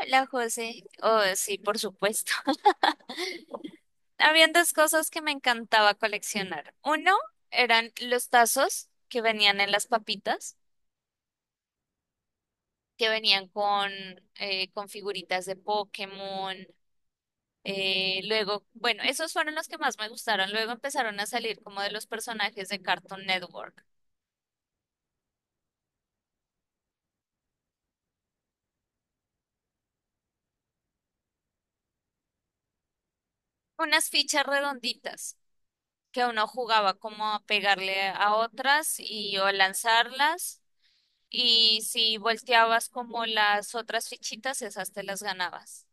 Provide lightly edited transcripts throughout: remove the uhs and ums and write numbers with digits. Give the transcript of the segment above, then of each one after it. Hola, José. Oh, sí, por supuesto. Habían dos cosas que me encantaba coleccionar. Uno eran los tazos que venían en las papitas, que venían con figuritas de Pokémon. Luego, esos fueron los que más me gustaron. Luego empezaron a salir como de los personajes de Cartoon Network. Unas fichas redonditas que uno jugaba como a pegarle a otras y o lanzarlas. Y si volteabas como las otras fichitas, esas te las ganabas.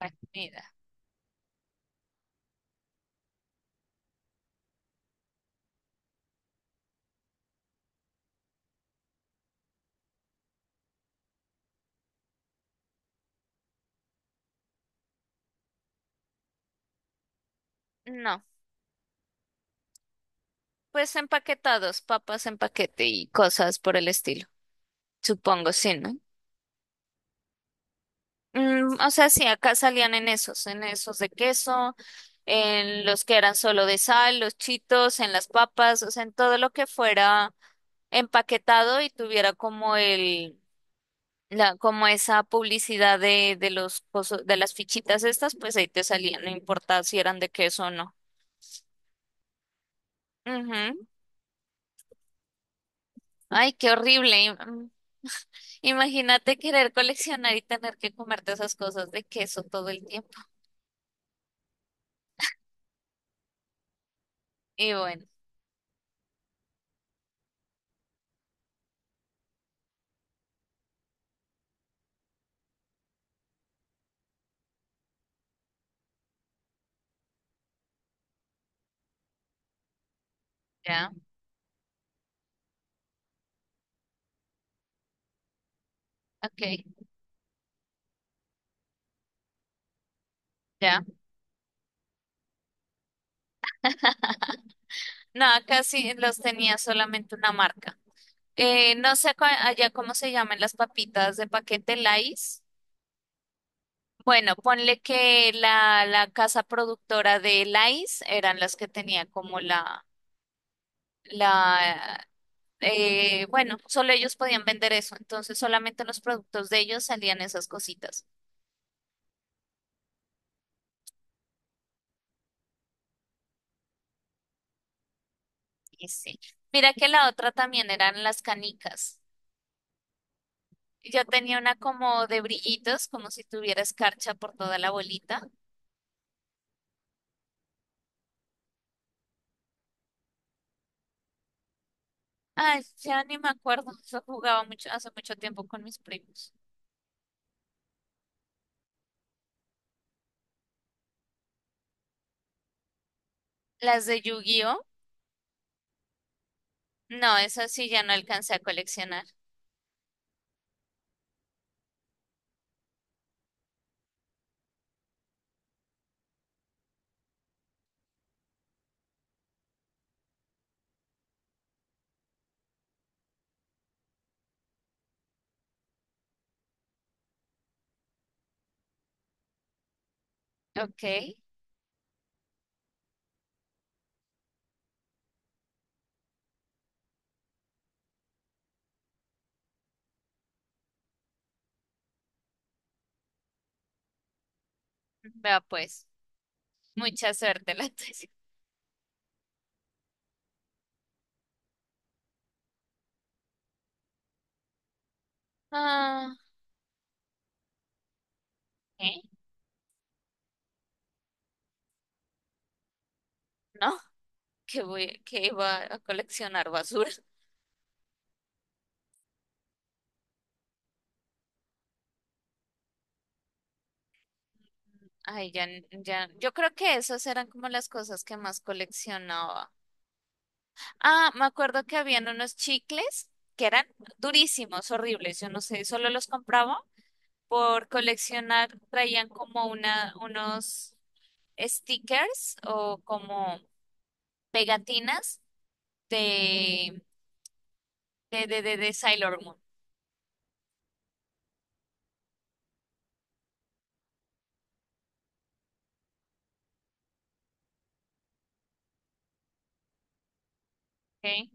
La comida. No, pues empaquetados, papas en paquete y cosas por el estilo. Supongo, sí, ¿no? Mm, o sea, sí, acá salían en esos de queso, en los que eran solo de sal, los chitos, en las papas, o sea, en todo lo que fuera empaquetado y tuviera como como esa publicidad de de las fichitas estas, pues ahí te salían, no importa si eran de queso o no. Ujú. Ay, qué horrible. Imagínate querer coleccionar y tener que comerte esas cosas de queso todo el tiempo. Y bueno, ya, ok, ya. No, acá sí los tenía solamente una marca. No sé cua- allá cómo se llaman las papitas de paquete Lays. Bueno, ponle que la casa productora de Lays eran las que tenía como la, solo ellos podían vender eso, entonces solamente en los productos de ellos salían esas cositas. Y sí. Mira que la otra también eran las canicas. Yo tenía una como de brillitos, como si tuviera escarcha por toda la bolita. Ay, ya ni me acuerdo, eso jugaba mucho, hace mucho tiempo con mis primos. Las de Yu-Gi-Oh, no, esas sí ya no alcancé a coleccionar. Ok, vea pues, mucha suerte la tuya. Ah, ¿eh? ¿No? Que voy, que iba a coleccionar basura. Ay, ya, ya, yo creo que esas eran como las cosas que más coleccionaba. Ah, me acuerdo que habían unos chicles que eran durísimos, horribles. Yo no sé, solo los compraba por coleccionar. Traían como una, unos stickers o como pegatinas de, de Sailor Moon. ¿Ok?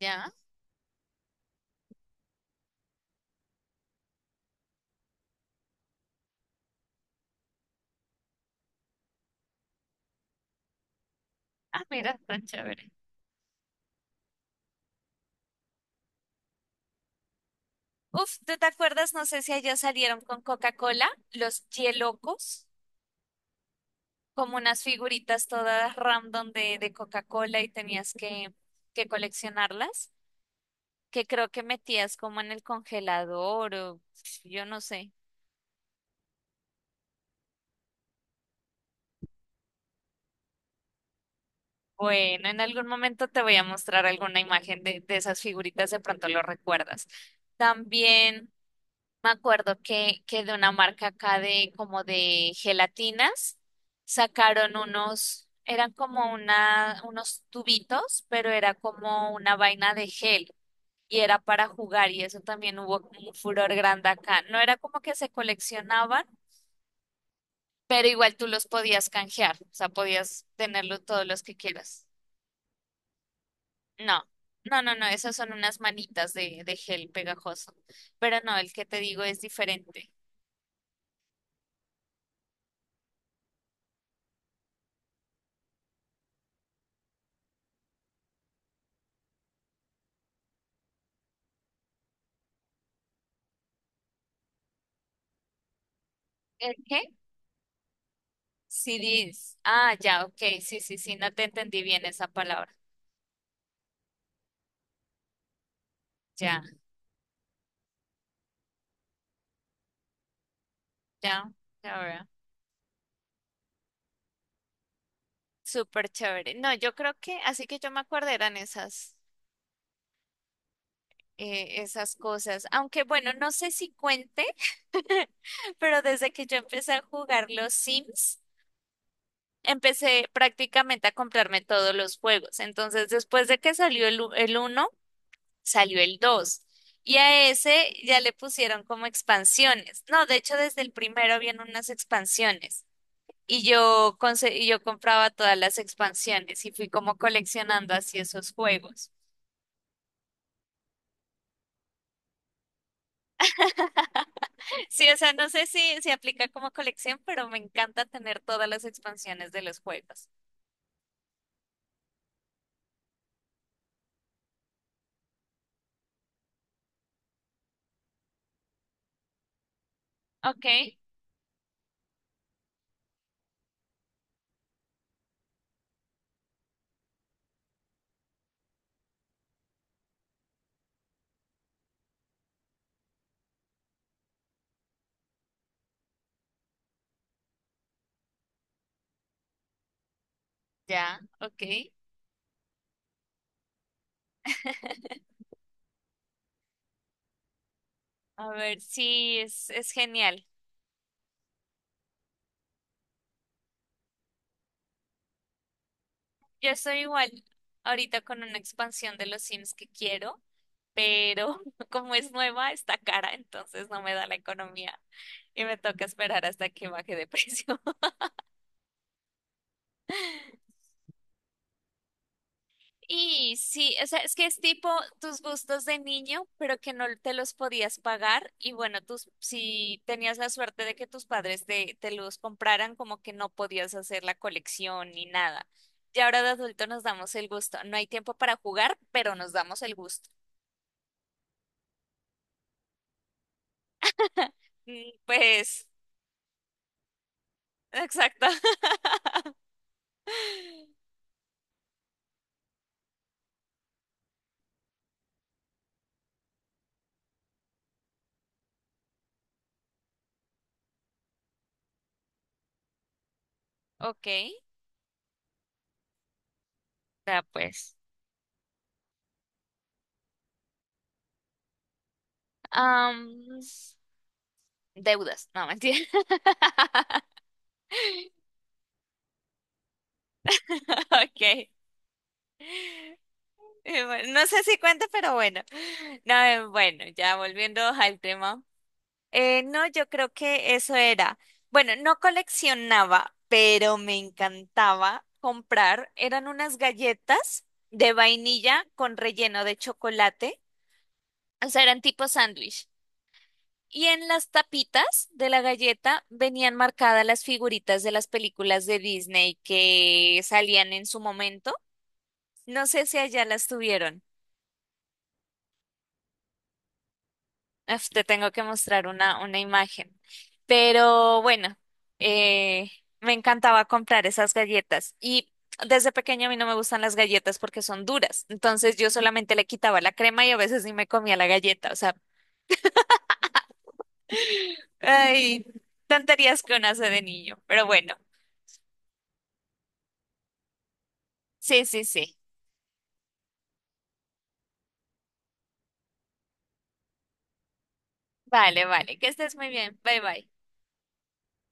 Ya. Ah, mira, tan chévere. Uf, ¿tú te acuerdas? No sé si allá salieron con Coca-Cola, los Yelocos, como unas figuritas todas random de Coca-Cola y tenías que coleccionarlas, que creo que metías como en el congelador o yo no sé. Bueno, en algún momento te voy a mostrar alguna imagen de esas figuritas, de pronto lo recuerdas. También. Me acuerdo que de una marca acá de como de gelatinas sacaron unos, eran como una, unos tubitos, pero era como una vaina de gel y era para jugar y eso también hubo como un furor grande acá. No era como que se coleccionaban, pero igual tú los podías canjear, o sea, podías tenerlo todos los que quieras. No, no, esas son unas manitas de gel pegajoso, pero no, el que te digo es diferente. ¿El qué? CDs. Ah, ya, ok. Sí, sí, sí, no te entendí bien esa palabra. Ya, ya, ya veo. Súper chévere. No, yo creo que, así que yo me acuerdo eran esas, esas cosas. Aunque bueno, no sé si cuente, pero desde que yo empecé a jugar los Sims, empecé prácticamente a comprarme todos los juegos. Entonces, después de que salió el 1, salió el dos. Y a ese ya le pusieron como expansiones. No, de hecho, desde el primero vienen unas expansiones. Y y yo compraba todas las expansiones y fui como coleccionando así esos juegos. Sí, o sea, no sé si aplica como colección, pero me encanta tener todas las expansiones de los juegos. Ok, ya, ok. A ver, sí, es genial. Yo estoy igual ahorita con una expansión de los Sims que quiero, pero como es nueva, está cara, entonces no me da la economía y me toca esperar hasta que baje de precio. Y sí, o sea, es que es tipo tus gustos de niño, pero que no te los podías pagar. Y bueno, si tenías la suerte de que tus padres te los compraran, como que no podías hacer la colección ni nada. Y ahora de adulto nos damos el gusto. No hay tiempo para jugar, pero nos damos el gusto. Mm, pues, exacto. Ok, ya pues. Am, deudas, no, mentira. Ok. Bueno, no sé si cuenta, pero bueno. No, bueno, ya volviendo al tema. No, yo creo que eso era. Bueno, no coleccionaba, pero me encantaba comprar. Eran unas galletas de vainilla con relleno de chocolate. O sea, eran tipo sándwich. Y en las tapitas de la galleta venían marcadas las figuritas de las películas de Disney que salían en su momento. No sé si allá las tuvieron. Uf, te tengo que mostrar una imagen. Pero bueno, eh, me encantaba comprar esas galletas. Y desde pequeña a mí no me gustan las galletas porque son duras. Entonces yo solamente le quitaba la crema y a veces ni me comía la galleta. O sea, ay, tonterías que uno hace de niño. Pero bueno, sí, sí, sí. Vale, vale. Que estés muy bien. Bye, bye.